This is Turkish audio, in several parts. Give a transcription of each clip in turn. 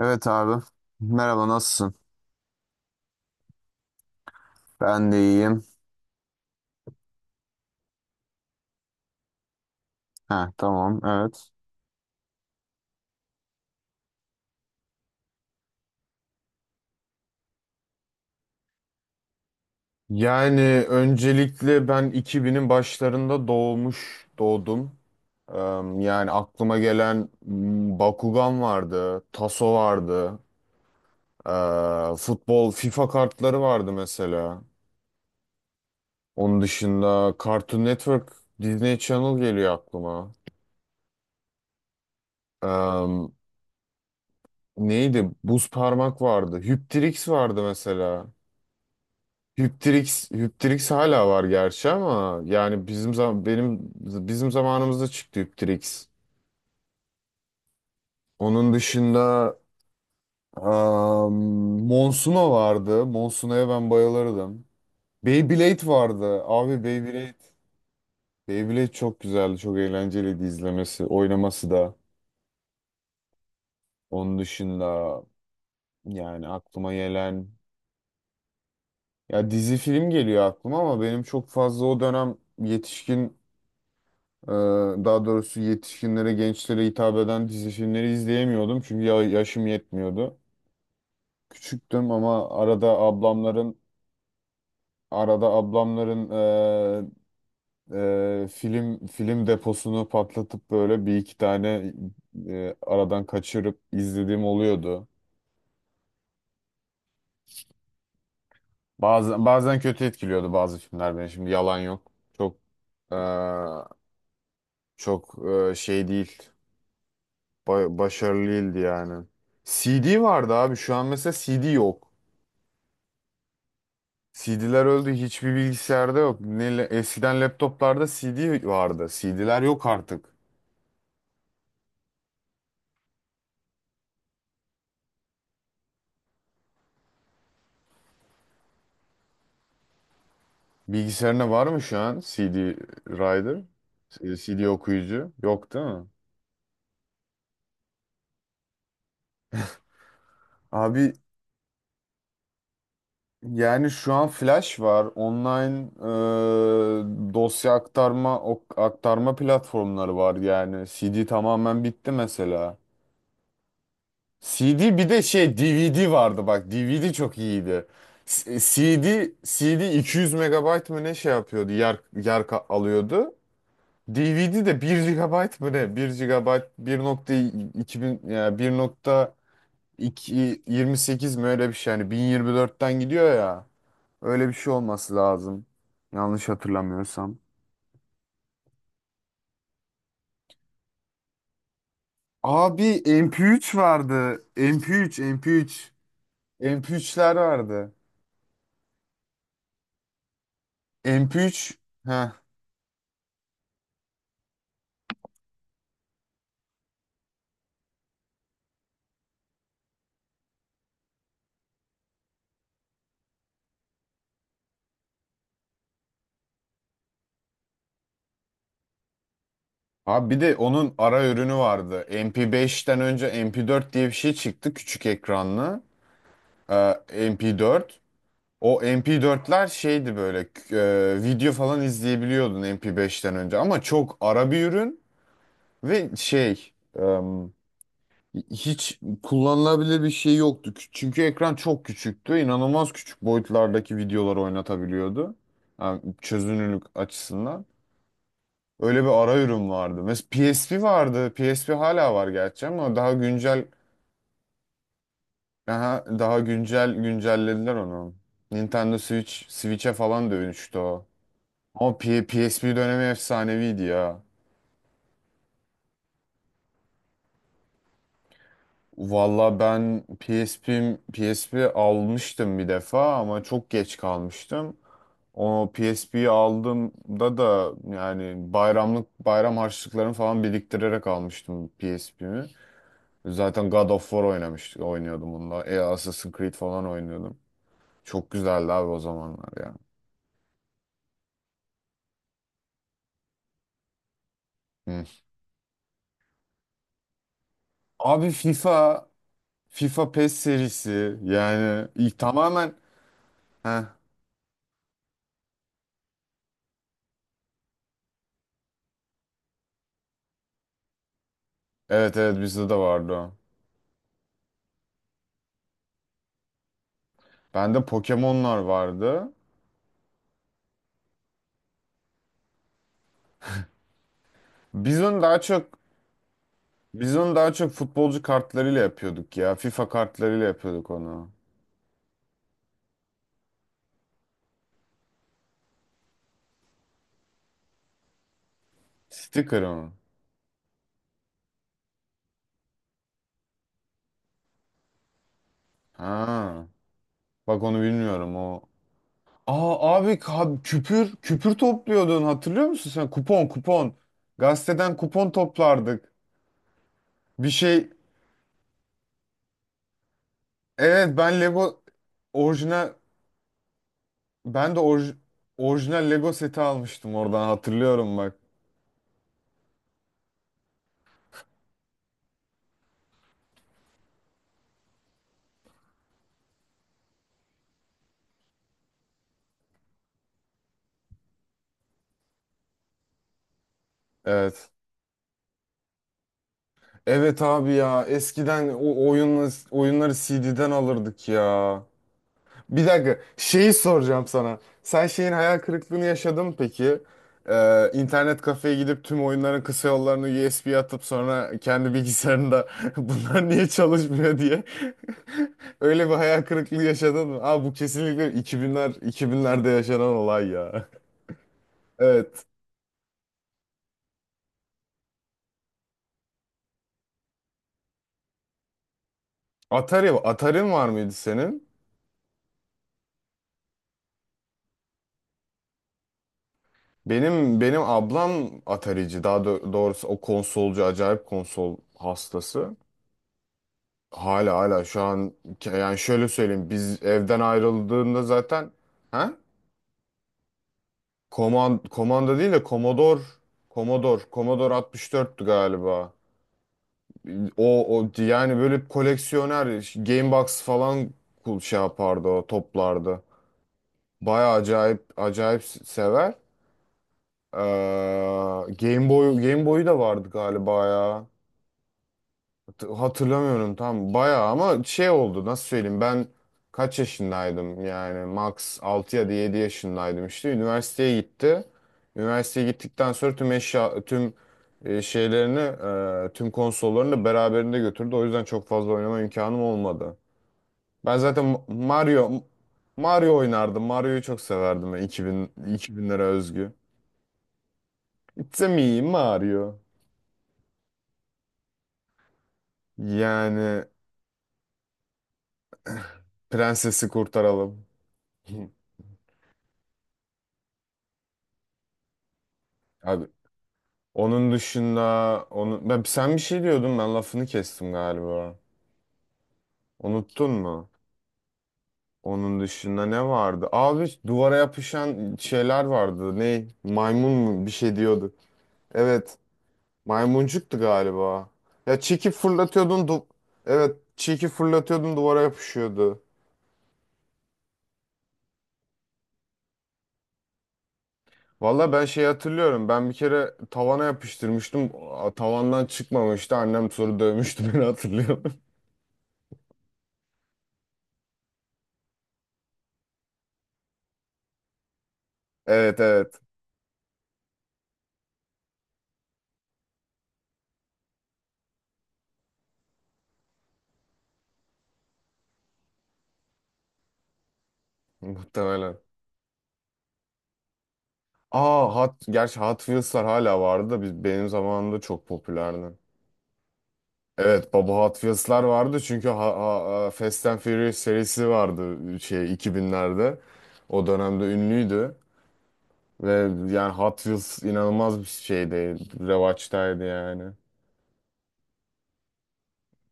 Evet abi. Merhaba nasılsın? Ben de iyiyim. Ha, tamam, evet. Yani öncelikle ben 2000'in başlarında doğdum. Eee, Yani aklıma gelen Bakugan vardı, Taso vardı, futbol, FIFA kartları vardı mesela. Onun dışında Cartoon Network, Disney Channel geliyor aklıma. Eee, Neydi? Buz parmak vardı, Hüptrix vardı mesela. Hyptrix hala var gerçi ama yani bizim zamanımızda çıktı Hyptrix. Onun dışında am, Monsuno vardı. Monsuno'ya ben bayılırdım. Beyblade vardı. Abi, Beyblade. Beyblade çok güzeldi. Çok eğlenceliydi izlemesi, oynaması da. Onun dışında yani aklıma gelen ya dizi film geliyor aklıma ama benim çok fazla o dönem yetişkin, Ee, daha doğrusu yetişkinlere, gençlere hitap eden dizi filmleri izleyemiyordum çünkü yaşım yetmiyordu. Küçüktüm ama arada ablamların e, film deposunu patlatıp böyle bir iki tane aradan kaçırıp izlediğim oluyordu. Bazen bazen kötü etkiliyordu bazı filmler beni. Şimdi yalan yok. E, çok şey değil. Başarılı değildi yani. CD vardı abi. Şu an mesela CD yok. CD'ler öldü. Hiçbir bilgisayarda yok. Eskiden laptoplarda CD vardı. CD'ler yok artık. Bilgisayarına var mı şu an CD Rider? CD okuyucu? Yok değil mi? Abi, yani şu an Flash var. Online aktarma platformları var yani. CD tamamen bitti mesela. CD, bir de şey, DVD vardı, bak DVD çok iyiydi. CD 200 megabayt mı ne şey yapıyordu, yer yer alıyordu. DVD de bir GB mı ne? 1 GB 1.2000 ya, 28 mi öyle bir şey, yani 1024'ten gidiyor ya. Öyle bir şey olması lazım. Yanlış hatırlamıyorsam. Abi, MP3 vardı. MP3. MP3'ler vardı. MP3. Heh. Abi, bir de onun ara ürünü vardı. MP5'ten önce MP4 diye bir şey çıktı, küçük ekranlı. MP4. O MP4'ler şeydi böyle, video falan izleyebiliyordun MP5'ten önce ama çok ara bir ürün ve şey, em, hiç kullanılabilir bir şey yoktu. Çünkü ekran çok küçüktü. İnanılmaz küçük boyutlardaki videoları oynatabiliyordu. Yani çözünürlük açısından. Öyle bir ara ürün vardı. Mesela PSP vardı. PSP hala var gerçi ama daha güncel, daha güncel güncellediler onu. Nintendo Switch'e falan dönüştü o. Ama PSP dönemi efsaneviydi ya. Valla ben PSP almıştım bir defa ama çok geç kalmıştım. O PSP'yi aldığımda da yani bayram harçlıklarını falan biriktirerek almıştım PSP'mi. Zaten God of War oynuyordum onunla. Assassin's Creed falan oynuyordum. Çok güzeldi abi o zamanlar ya. Hı. Abi, FIFA PES serisi yani ilk tamamen, heh, evet, evet, bizde de vardı o. Bende Pokemon'lar vardı. Biz onu daha çok Biz onu daha çok futbolcu kartlarıyla yapıyorduk ya. FIFA kartlarıyla yapıyorduk onu. Sticker mı? Ha. Bak onu bilmiyorum. O Aa abi ka- küpür küpür topluyordun, hatırlıyor musun sen? Kupon kupon. Gazeteden kupon toplardık. Bir şey Evet, orijinal ben de orijinal Lego seti almıştım, oradan hatırlıyorum bak. Evet. Evet abi, ya eskiden o oyunları CD'den alırdık ya. Bir dakika, şeyi soracağım sana. Sen şeyin hayal kırıklığını yaşadın mı peki? İnternet kafeye gidip tüm oyunların kısa yollarını USB'ye atıp sonra kendi bilgisayarında bunlar niye çalışmıyor diye. Öyle bir hayal kırıklığı yaşadın mı? Aa, bu kesinlikle 2000'lerde yaşanan olay ya. Evet. Atari'n var mıydı senin? Benim ablam Atari'ci. Daha doğrusu o konsolcu, acayip konsol hastası. Hala şu an, yani şöyle söyleyeyim, biz evden ayrıldığında zaten, ha? Komanda değil de Commodore 64'tü galiba. O yani böyle koleksiyoner, Game Box falan şey yapardı, o toplardı. Baya acayip acayip sever. Ee, Game Boy'u da vardı galiba ya. Hatırlamıyorum tam bayağı ama şey oldu, nasıl söyleyeyim, ben kaç yaşındaydım, yani max 6 ya da 7 yaşındaydım işte üniversiteye gitti. Üniversiteye gittikten sonra tüm tüm şeylerini, tüm konsollarını da beraberinde götürdü. O yüzden çok fazla oynama imkanım olmadı. Ben zaten Mario oynardım. Mario'yu çok severdim ben, 2000'lere özgü. It's a me Mario. Yani prensesi kurtaralım. Abi, onun dışında, onu ben, sen bir şey diyordun, ben lafını kestim galiba. Unuttun mu? Onun dışında ne vardı? Abi, duvara yapışan şeyler vardı. Ne? Maymun mu bir şey diyordu. Evet, maymuncuktu galiba. Ya çekip fırlatıyordun. Evet, çekip fırlatıyordun, duvara yapışıyordu. Valla ben şey hatırlıyorum. Ben bir kere tavana yapıştırmıştım. Tavandan çıkmamıştı. Annem soru dövmüştü beni hatırlıyorum. Evet, evet. Muhtemelen. Gerçi Hot Wheels'lar hala vardı da benim zamanımda çok popülerdi. Evet, baba Hot Wheels'lar vardı çünkü, Fast and Furious serisi vardı şey 2000'lerde. O dönemde ünlüydü ve yani Hot Wheels inanılmaz bir şeydi. Revaçtaydı yani.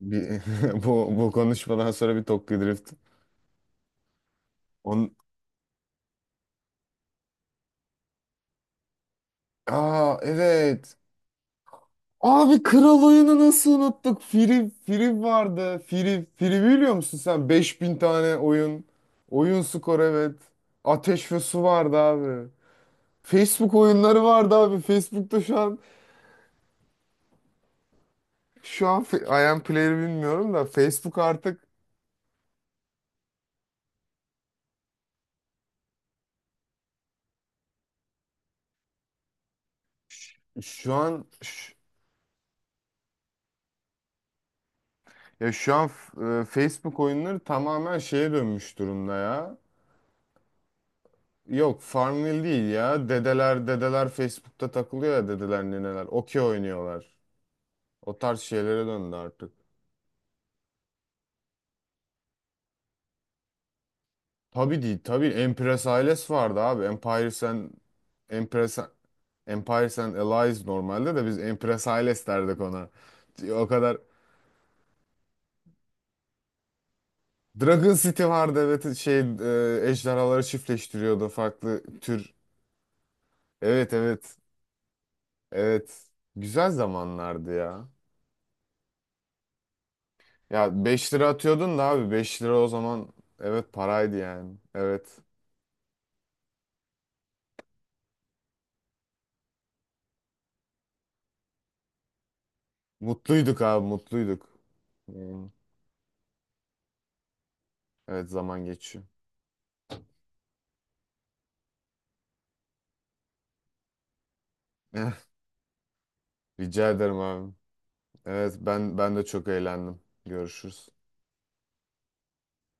Bir, bu konuşmadan sonra bir Tokyo Drift. On, Aa evet. Abi, kral oyunu nasıl unuttuk? Free vardı. Free biliyor musun sen? 5000 tane oyun. Oyun skor, evet. Ateş ve Su vardı abi. Facebook oyunları vardı abi. Facebook'ta şu an, I am Player'ı bilmiyorum da Facebook artık şu an, ya şu an Facebook oyunları tamamen şeye dönmüş durumda ya. Yok, Farmville değil ya. Dedeler Facebook'ta takılıyor ya, dedeler neneler. Okey oynuyorlar. O tarz şeylere döndü artık. Tabii değil tabii. Empress Ailesi vardı abi. Empress, Empires and Allies, normalde de biz Empress Ailes derdik ona. O kadar. Dragon City vardı, evet, şey, ejderhaları çiftleştiriyordu farklı tür. Evet, evet, evet. Güzel zamanlardı ya. Ya, 5 lira atıyordun da abi, 5 lira o zaman evet paraydı yani. Evet. Mutluyduk abi, mutluyduk. Hmm. Evet, zaman geçiyor. Rica ederim abi. Evet, ben de çok eğlendim. Görüşürüz.